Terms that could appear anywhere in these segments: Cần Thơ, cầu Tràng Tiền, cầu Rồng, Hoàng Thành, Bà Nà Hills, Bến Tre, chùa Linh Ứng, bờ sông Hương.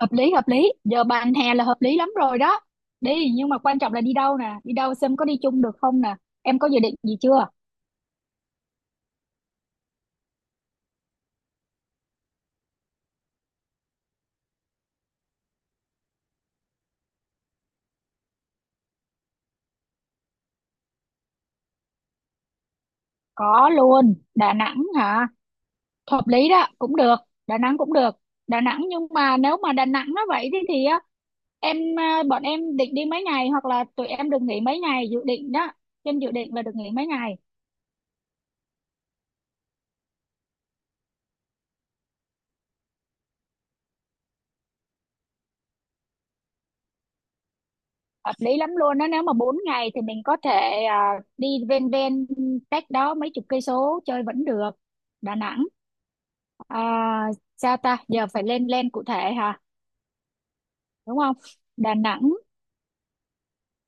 Hợp lý, hợp lý. Giờ bàn hè là hợp lý lắm rồi đó. Đi, nhưng mà quan trọng là đi đâu nè, đi đâu xem có đi chung được không nè. Em có dự định gì chưa? Có luôn, Đà Nẵng hả? Hợp lý đó, cũng được. Đà Nẵng cũng được. Đà Nẵng, nhưng mà nếu mà Đà Nẵng nó vậy thì á, bọn em định đi mấy ngày, hoặc là tụi em được nghỉ mấy ngày dự định đó. Trên dự định là được nghỉ mấy ngày? Hợp lý lắm luôn đó. Nếu mà 4 ngày thì mình có thể đi ven ven, cách đó mấy chục cây số chơi vẫn được. Đà Nẵng. À, Sao ta, giờ phải lên lên cụ thể hả, đúng không? Đà Nẵng.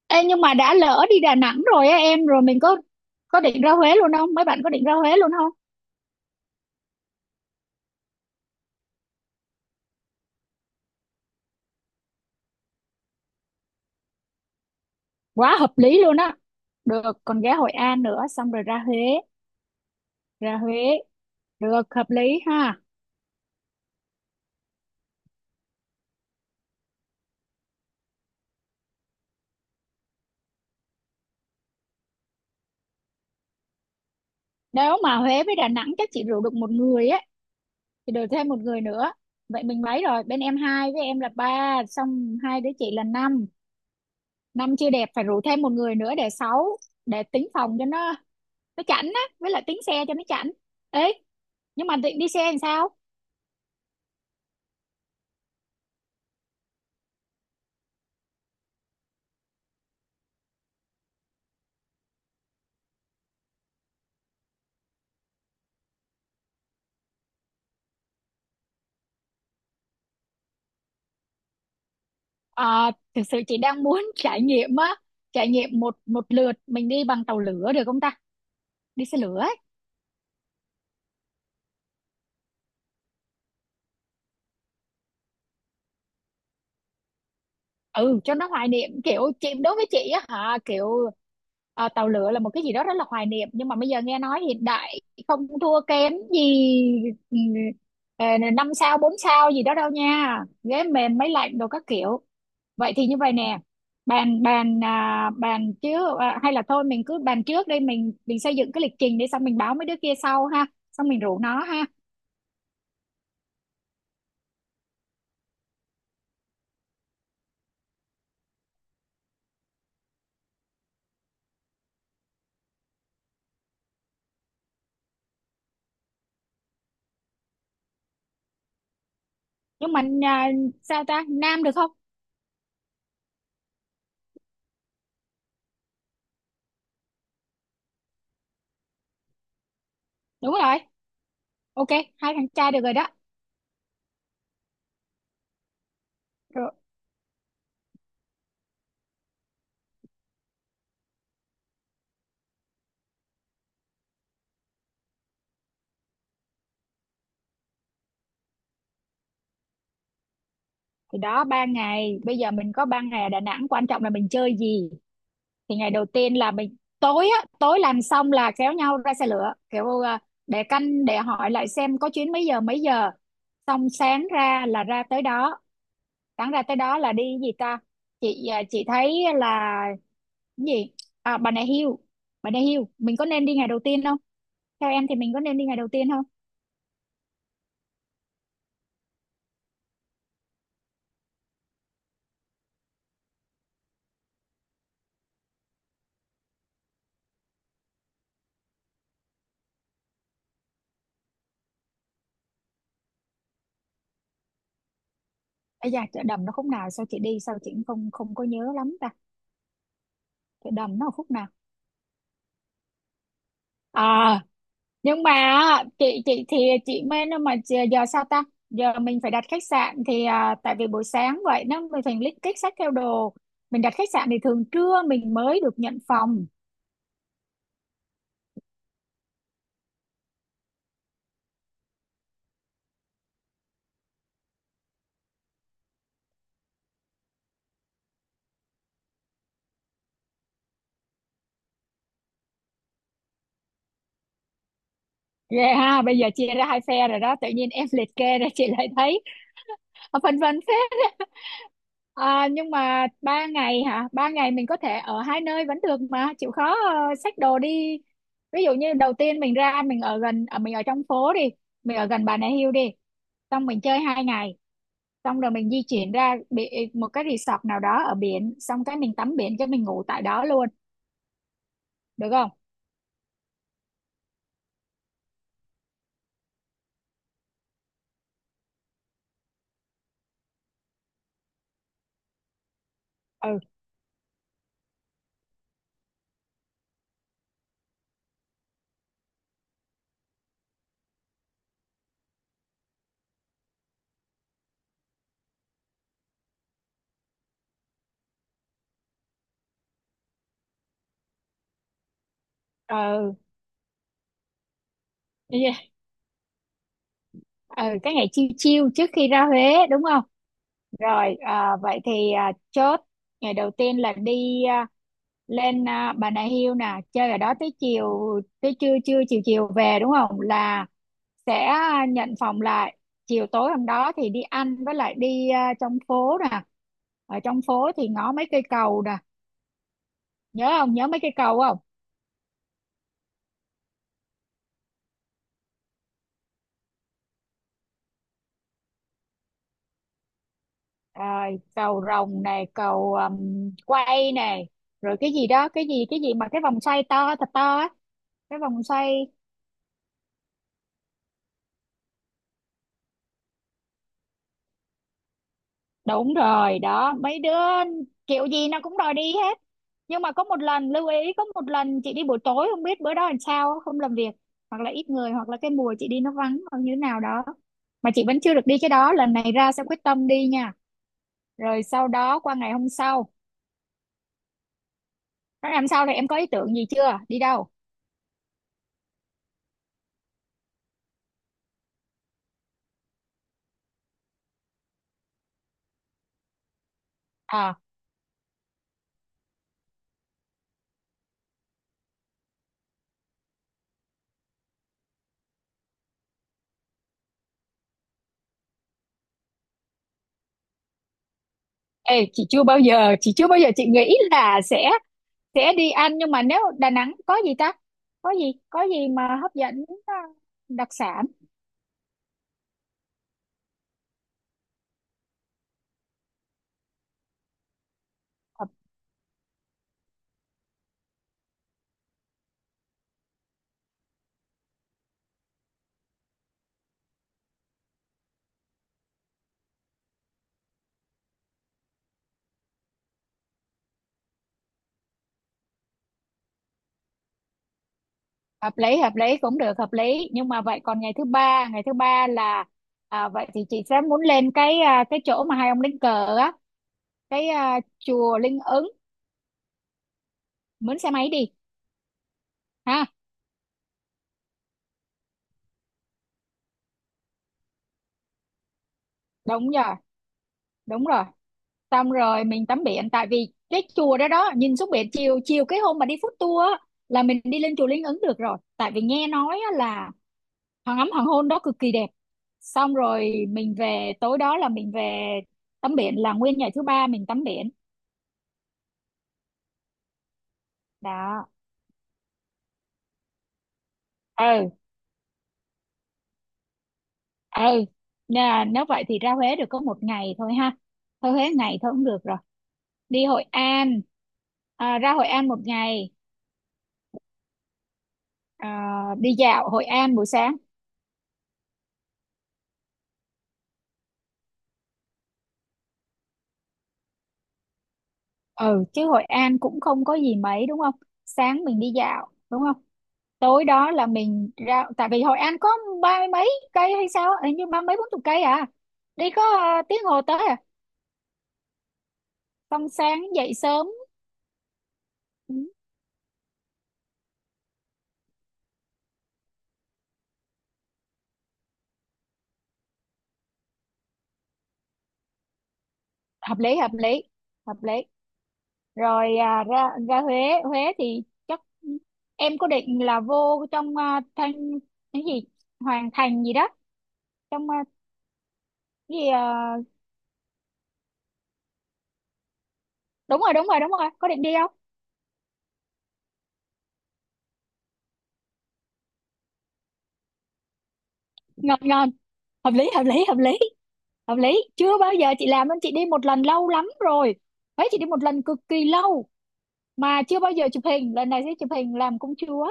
Ê, nhưng mà đã lỡ đi Đà Nẵng rồi á em, rồi mình có định ra Huế luôn không, mấy bạn có định ra Huế luôn không? Quá hợp lý luôn á. Được, còn ghé Hội An nữa xong rồi ra Huế, ra Huế. Được, hợp lý, ha. Nếu mà Huế với Đà Nẵng chắc chị rủ được một người á, thì được thêm một người nữa. Vậy mình mấy rồi, bên em hai với em là ba, xong hai đứa chị là năm. Năm chưa đẹp, phải rủ thêm một người nữa để sáu, để tính phòng cho nó chảnh á, với lại tiếng xe cho nó chảnh ấy. Nhưng mà định đi xe làm sao? Ờ, Thực sự chị đang muốn trải nghiệm á, trải nghiệm một một lượt mình đi bằng tàu lửa được không ta, đi xe lửa ấy. Ừ, cho nó hoài niệm, kiểu chị, đối với chị á hả, kiểu tàu lửa là một cái gì đó rất là hoài niệm, nhưng mà bây giờ nghe nói hiện đại không thua kém gì ừ, ờ, năm sao bốn sao gì đó đâu nha, ghế mềm máy lạnh đồ các kiểu. Vậy thì như vậy nè, bàn bàn à, bàn trước à, hay là thôi mình cứ bàn trước đây, mình xây dựng cái lịch trình để xong mình báo mấy đứa kia sau ha, xong mình rủ nó ha. nhưng mà à, Sao ta, nam được không? Đúng rồi, ok, hai thằng trai được rồi đó. Rồi thì đó, ba ngày. Bây giờ mình có 3 ngày ở Đà Nẵng, quan trọng là mình chơi gì. Thì ngày đầu tiên là mình tối á, tối làm xong là kéo nhau ra xe lửa, để canh, để hỏi lại xem có chuyến mấy giờ mấy giờ, xong sáng ra là ra tới đó. Đáng ra tới đó là đi cái gì ta? Chị thấy là cái gì, Bà Nà Hills. Bà Nà Hills mình có nên đi ngày đầu tiên không, theo em thì mình có nên đi ngày đầu tiên không? Ây da, chợ Đầm nó khúc nào, sao chị đi sao chị cũng không không có nhớ lắm ta. Chợ Đầm nó ở khúc nào, à, nhưng mà á, chị thì chị mê nó mà giờ giờ sao ta. Giờ mình phải đặt khách sạn thì à, tại vì buổi sáng vậy nó mình phải list kích sách theo đồ, mình đặt khách sạn thì thường trưa mình mới được nhận phòng. Ghê ha, bây giờ chia ra hai phe rồi đó, tự nhiên em liệt kê ra chị lại thấy phân vân phết. À, nhưng mà 3 ngày hả? Ba ngày mình có thể ở 2 nơi vẫn được mà, chịu khó xách đồ đi. Ví dụ như đầu tiên mình ra mình ở gần, ở mình ở trong phố đi, mình ở gần Bà Nà Hills đi, xong mình chơi 2 ngày, xong rồi mình di chuyển ra bị một cái resort nào đó ở biển, xong cái mình tắm biển cho mình ngủ tại đó luôn, được không? Ừ, ừ, yeah. Ừ, cái ngày chill chill trước khi ra Huế, đúng không? Rồi, à, vậy thì à, chốt ngày đầu tiên là đi lên Bà Nà Hills nè, chơi ở đó tới chiều, tới trưa, trưa chiều chiều về, đúng không? Là sẽ nhận phòng lại. Chiều tối hôm đó thì đi ăn, với lại đi trong phố nè. Ở trong phố thì ngó mấy cây cầu nè, nhớ không? Nhớ mấy cây cầu không? À, cầu Rồng này, cầu quay này, rồi cái gì đó, cái gì mà cái vòng xoay to thật to á, cái vòng xoay. Đúng rồi, đó, mấy đứa kiểu gì nó cũng đòi đi hết. Nhưng mà có một lần lưu ý, có một lần chị đi buổi tối không biết bữa đó làm sao không làm việc, hoặc là ít người, hoặc là cái mùa chị đi nó vắng, hoặc như thế nào đó, mà chị vẫn chưa được đi cái đó, lần này ra sẽ quyết tâm đi nha. Rồi sau đó qua ngày hôm sau nó làm sao thì em có ý tưởng gì chưa, đi đâu? À, ê, chị chưa bao giờ chị nghĩ là sẽ đi ăn, nhưng mà nếu Đà Nẵng có gì ta, có gì, có gì mà hấp dẫn đặc sản. Hợp lý hợp lý, cũng được, hợp lý. Nhưng mà vậy còn ngày thứ ba, ngày thứ ba là à, vậy thì chị sẽ muốn lên cái cái chỗ mà hai ông đánh cờ á, cái chùa Linh Ứng, mướn xe máy đi ha. Đúng rồi, đúng rồi, xong rồi mình tắm biển, tại vì cái chùa đó đó nhìn xuống biển. Chiều chiều cái hôm mà đi food tour á, là mình đi lên chùa Linh Ứng được rồi, tại vì nghe nói á là hoàng ấm, hoàng hôn đó cực kỳ đẹp, xong rồi mình về tối đó là mình về tắm biển, là nguyên ngày thứ ba mình tắm biển. Đó. Ừ, ừ, nè, nếu vậy thì ra Huế được có 1 ngày thôi ha. Thôi Huế ngày thôi cũng được rồi. Đi Hội An, ra Hội An 1 ngày, à, đi dạo Hội An buổi sáng. Ừ, chứ Hội An cũng không có gì mấy đúng không, sáng mình đi dạo đúng không, tối đó là mình ra, tại vì Hội An có ba mươi mấy cây hay sao, hình như ba mấy bốn chục cây à, đi có tiếng hồ tới à, xong sáng dậy sớm. Ừ, hợp lý hợp lý hợp lý. Rồi à, ra ra Huế. Huế thì chắc em có định là vô trong thanh, cái gì, Hoàng Thành gì đó, trong cái gì đúng rồi đúng rồi đúng rồi, có định đi không? Ngon ngon, hợp lý hợp lý hợp lý hợp lý. Chưa bao giờ chị làm, nên chị đi một lần lâu lắm rồi. Huế chị đi một lần cực kỳ lâu mà chưa bao giờ chụp hình, lần này sẽ chụp hình làm công chúa.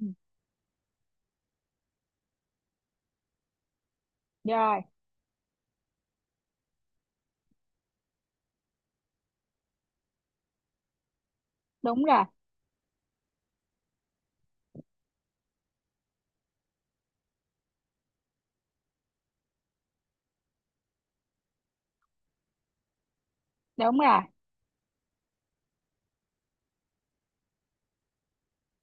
Ừ. Rồi, đúng rồi, đúng rồi.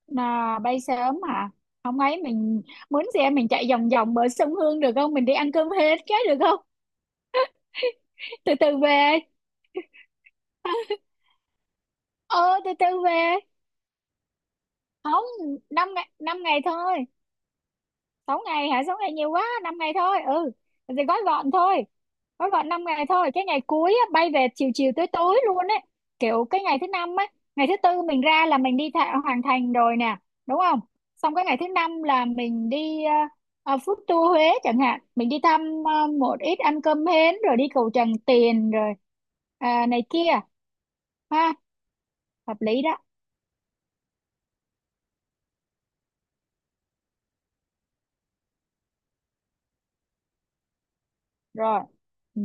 Là bay sớm à, không ấy mình mướn xe mình chạy vòng vòng bờ sông Hương được không, mình đi ăn cơm hết cái được không. Từ từ về. Ờ, từ từ về. Không, 5 ngày, năm ngày thôi. Sáu ngày hả? 6 ngày nhiều quá, năm ngày thôi. Ừ, thì gói gọn thôi. Gói gọn 5 ngày thôi. Cái ngày cuối á, bay về chiều chiều tối tối luôn ấy, kiểu cái ngày thứ năm á. Ngày thứ tư mình ra là mình đi thạ, Hoàn Thành rồi nè, đúng không? Xong cái ngày thứ năm là mình đi food tour Huế chẳng hạn, mình đi thăm một ít, ăn cơm hến rồi đi cầu Tràng Tiền rồi à, này kia, ha, hợp lý đó. Rồi. Ừ.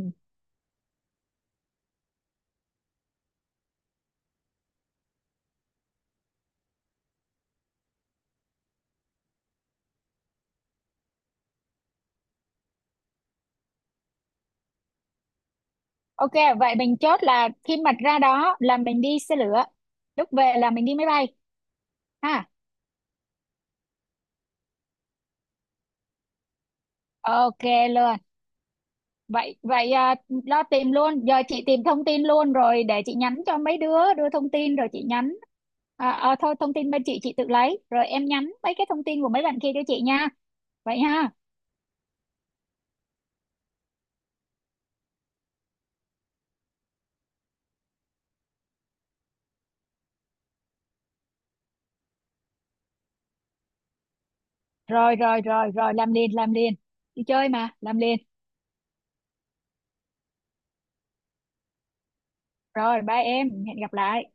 Ok, vậy mình chốt là khi mà ra đó là mình đi xe lửa, lúc về là mình đi máy bay, ha. Ok luôn. Vậy vậy à, lo tìm luôn, giờ chị tìm thông tin luôn rồi để chị nhắn cho mấy đứa đưa thông tin rồi chị nhắn, à, à, thôi, thông tin bên chị tự lấy, rồi em nhắn mấy cái thông tin của mấy bạn kia cho chị nha, vậy ha. Rồi rồi rồi rồi, làm liền làm liền, đi chơi mà, làm liền. Rồi, bye em, hẹn gặp lại.